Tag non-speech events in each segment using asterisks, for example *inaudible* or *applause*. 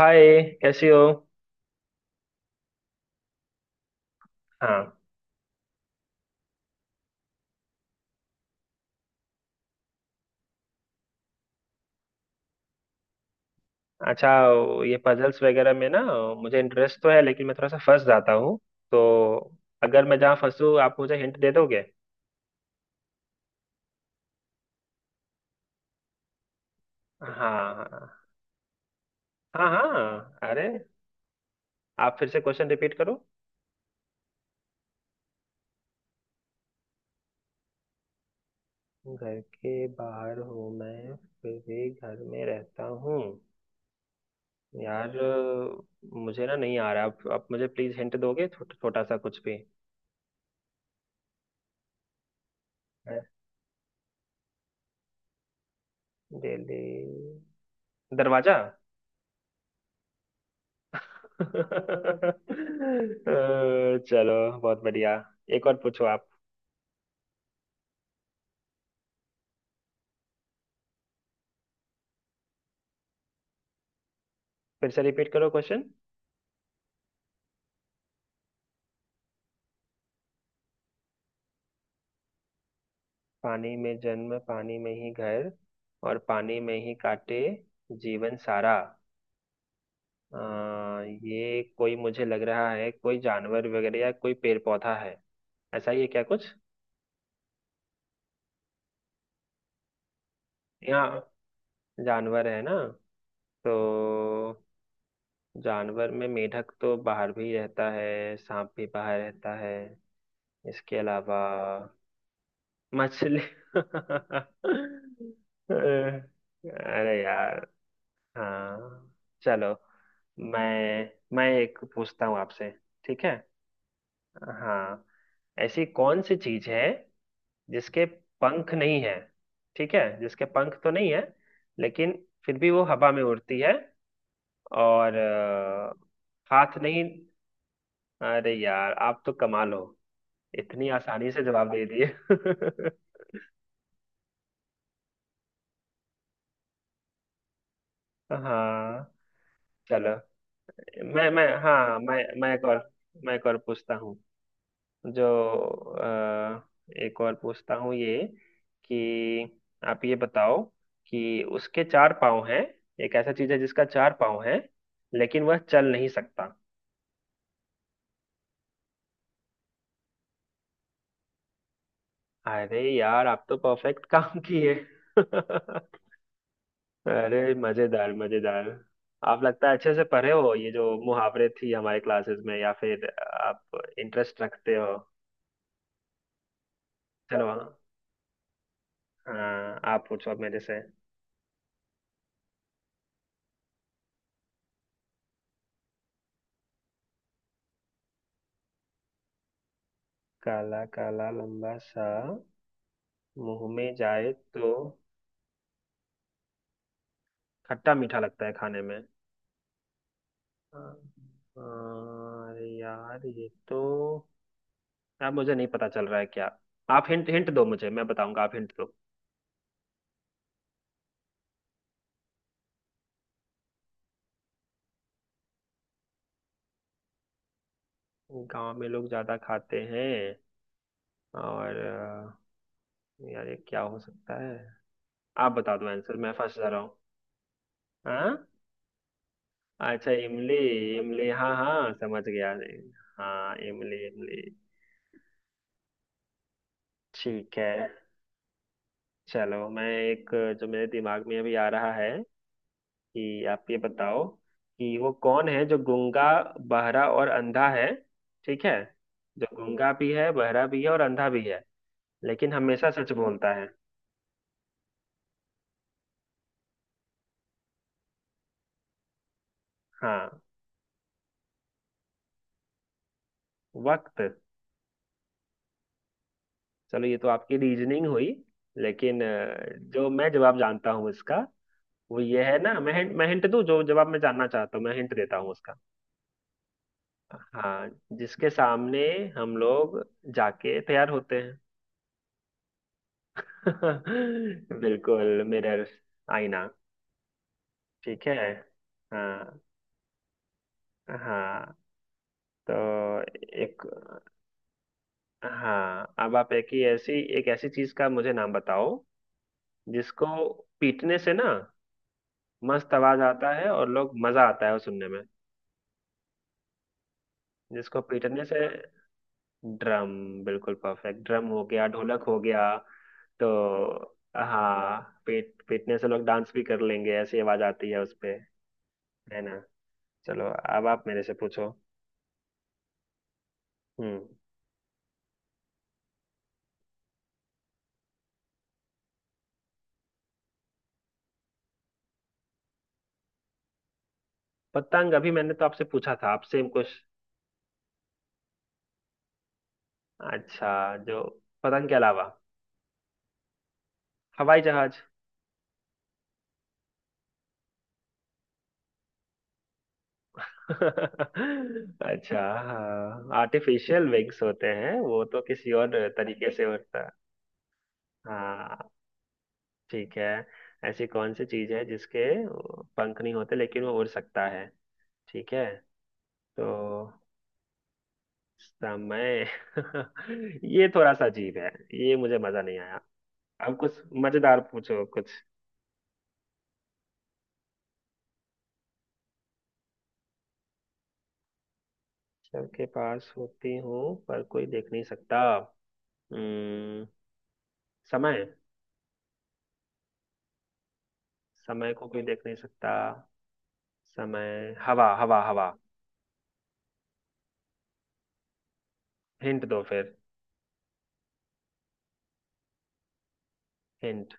हाय, कैसी हो। हाँ। अच्छा, वो ये पजल्स वगैरह में ना, मुझे इंटरेस्ट तो है लेकिन मैं थोड़ा सा फंस जाता हूँ। तो अगर मैं जहाँ फंसूँ आप मुझे हिंट दे दोगे। हाँ, हाँ, हाँ, अरे, आप फिर से क्वेश्चन रिपीट करो। घर के बाहर हूँ मैं, फिर भी घर में रहता हूँ। यार, मुझे ना नहीं आ रहा, आप मुझे प्लीज हिंट दोगे, छोटा सा कुछ भी। डेली। दरवाजा। *laughs* अ, चलो, बहुत बढ़िया। एक और पूछो आप। फिर से रिपीट करो क्वेश्चन। पानी में जन्म, पानी में ही घर, और पानी में ही काटे जीवन सारा। अ, ये कोई मुझे लग रहा है कोई जानवर वगैरह, या कोई पेड़ पौधा है, ऐसा ही है क्या कुछ। यहाँ जानवर है ना, तो जानवर में मेंढक तो बाहर भी रहता है, सांप भी बाहर रहता है, इसके अलावा? मछली। *laughs* अरे यार। हाँ, चलो। मैं मैं एक पूछता हूँ आपसे, ठीक है। हाँ। ऐसी कौन सी चीज है जिसके पंख नहीं है, ठीक है, जिसके पंख तो नहीं है लेकिन फिर भी वो हवा में उड़ती है, और हाथ नहीं। अरे यार, आप तो कमाल हो, इतनी आसानी से जवाब दे दिए। *laughs* हाँ, चलो। मैं, हाँ, मैं एक और पूछता हूँ। जो अ, एक और पूछता हूँ ये, कि आप ये बताओ कि उसके चार पाँव हैं, एक ऐसा चीज है जिसका चार पाँव है लेकिन वह चल नहीं सकता। अरे यार, आप तो परफेक्ट काम किए। *laughs* अरे, मजेदार मजेदार। आप लगता है अच्छे से पढ़े हो ये जो मुहावरे थी हमारे क्लासेस में, या फिर आप इंटरेस्ट रखते हो। चलो। हाँ, आप पूछो अब मेरे से। काला काला लंबा सा, मुंह में जाए तो खट्टा मीठा लगता है खाने में। हाँ। अरे यार ये तो, यार मुझे नहीं पता चल रहा है क्या। आप हिंट हिंट दो मुझे, मैं बताऊंगा, आप हिंट दो। गांव में लोग ज्यादा खाते हैं, और यार ये क्या हो सकता है। आप बता दो आंसर, मैं फंस जा रहा हूँ। हाँ, अच्छा, इमली। इमली, हाँ हाँ समझ गया। हाँ, इमली इमली। ठीक है, चलो। मैं एक, जो मेरे दिमाग में अभी आ रहा है, कि आप ये बताओ, कि वो कौन है जो गूंगा बहरा और अंधा है, ठीक है, जो गूंगा भी है बहरा भी है और अंधा भी है लेकिन हमेशा सच बोलता है। हाँ। वक्त? चलो, ये तो आपकी रीजनिंग हुई, लेकिन जो मैं जवाब जानता हूँ इसका, वो ये है। ना, मैं हिंट दूँ, जो जवाब मैं जानना चाहता हूँ मैं हिंट देता हूँ उसका। हाँ, जिसके सामने हम लोग जाके तैयार होते हैं। *laughs* बिल्कुल, मिरर्स। आईना। ठीक है। हाँ, हाँ, तो एक, हाँ, अब आप एक ऐसी चीज का मुझे नाम बताओ जिसको पीटने से ना मस्त आवाज आता है और लोग मजा आता है वो सुनने में, जिसको पीटने से? ड्रम। बिल्कुल परफेक्ट, ड्रम हो गया, ढोलक हो गया। तो हाँ, पीटने से लोग डांस भी कर लेंगे, ऐसी आवाज आती है उस पे, है ना। चलो, अब आप मेरे से पूछो। हम्म। पतंग, अभी मैंने तो आपसे पूछा था, आप सेम क्वेश्चन। अच्छा, जो पतंग के अलावा, हवाई जहाज। *laughs* अच्छा, हाँ, आर्टिफिशियल विंग्स होते हैं वो, तो किसी और तरीके से होता है। हाँ, ठीक है। ऐसी कौन सी चीज है जिसके पंख नहीं होते लेकिन वो उड़ सकता है, ठीक है तो। समय। *laughs* ये थोड़ा सा अजीब है, ये मुझे मजा नहीं आया। अब कुछ मजेदार पूछो कुछ। सबके पास होती हूँ पर कोई देख नहीं सकता। हम्म। समय। समय को कोई देख नहीं सकता। समय, हवा, हवा, हवा। हिंट दो फिर। हिंट।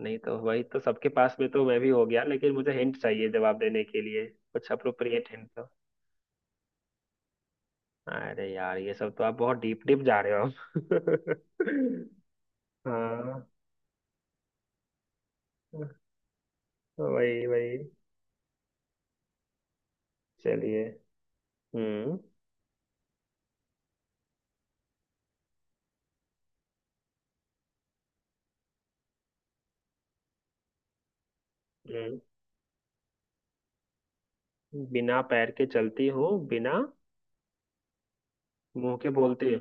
नहीं तो वही तो सबके पास में तो मैं भी हो गया, लेकिन मुझे हिंट चाहिए जवाब देने के लिए, कुछ अप्रोप्रिएट हिंट दो। अरे यार, ये सब तो आप बहुत डीप डीप जा रहे हो आप। *laughs* हाँ। वही वही। चलिए। हम्म, हम्म। बिना पैर के चलती हूँ, बिना मुंह के बोलती हूँ।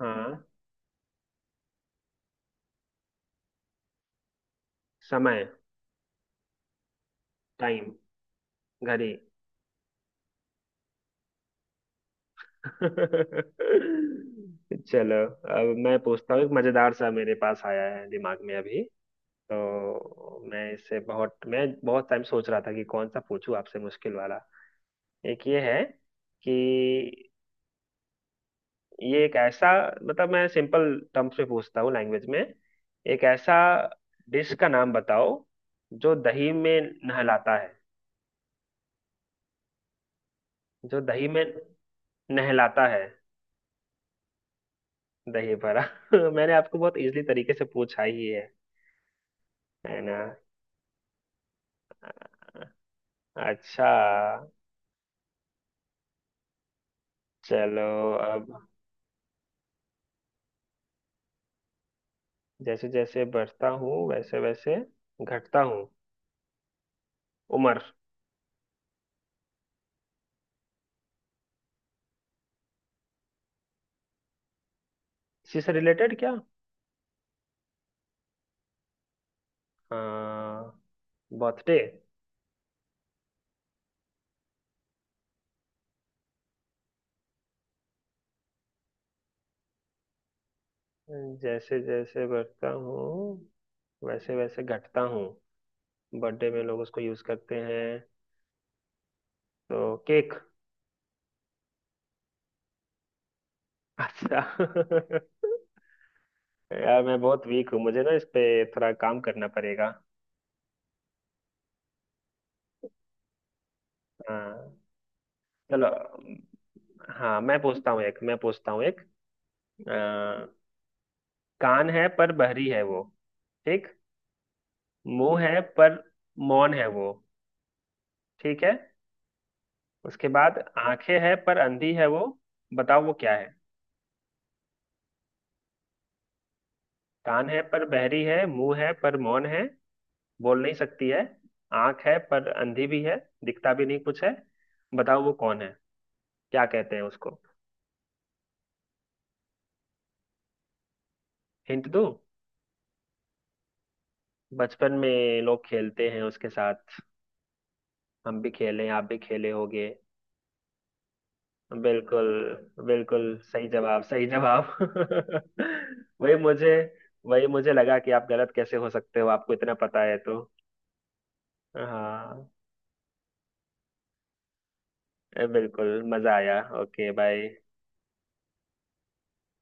हाँ। समय। टाइम। घड़ी। *laughs* चलो, अब मैं पूछता हूँ एक मजेदार सा, मेरे पास आया है दिमाग में अभी। तो मैं बहुत टाइम सोच रहा था कि कौन सा पूछूं आपसे मुश्किल वाला। एक ये है, कि ये एक ऐसा, मतलब मैं सिंपल टर्म्स में पूछता हूँ लैंग्वेज में, एक ऐसा डिश का नाम बताओ जो दही में नहलाता है, जो दही में नहलाता है? दही बड़ा। *laughs* मैंने आपको बहुत इजीली तरीके से पूछा ही है ना। अ- अच्छा। चलो अब। जैसे जैसे बढ़ता हूँ वैसे वैसे घटता हूँ? उम्र। इसी से रिलेटेड क्या? हाँ, बर्थडे। जैसे जैसे बढ़ता हूँ वैसे वैसे घटता हूँ, बर्थडे में लोग उसको यूज करते हैं, तो केक। अच्छा। *laughs* यार मैं बहुत वीक हूँ, मुझे ना इस पे थोड़ा काम करना पड़ेगा। हाँ, चलो। हाँ, मैं पूछता हूँ एक। अ, कान है पर बहरी है वो, ठीक, मुंह है पर मौन है वो, ठीक है, उसके बाद आंखें है पर अंधी है वो, बताओ वो क्या है। कान है पर बहरी है, मुंह है पर मौन है, बोल नहीं सकती है, आंख है पर अंधी भी है, दिखता भी नहीं कुछ है, बताओ वो कौन है, क्या कहते हैं उसको। हिंट दूँ? बचपन में लोग खेलते हैं उसके साथ, हम भी खेले आप भी खेले होगे। बिल्कुल, बिल्कुल सही जवाब, सही जवाब। *laughs* वही मुझे वही मुझे लगा कि आप गलत कैसे हो सकते हो, आपको इतना पता है तो। हाँ। बिल्कुल, मजा आया। Okay, bye.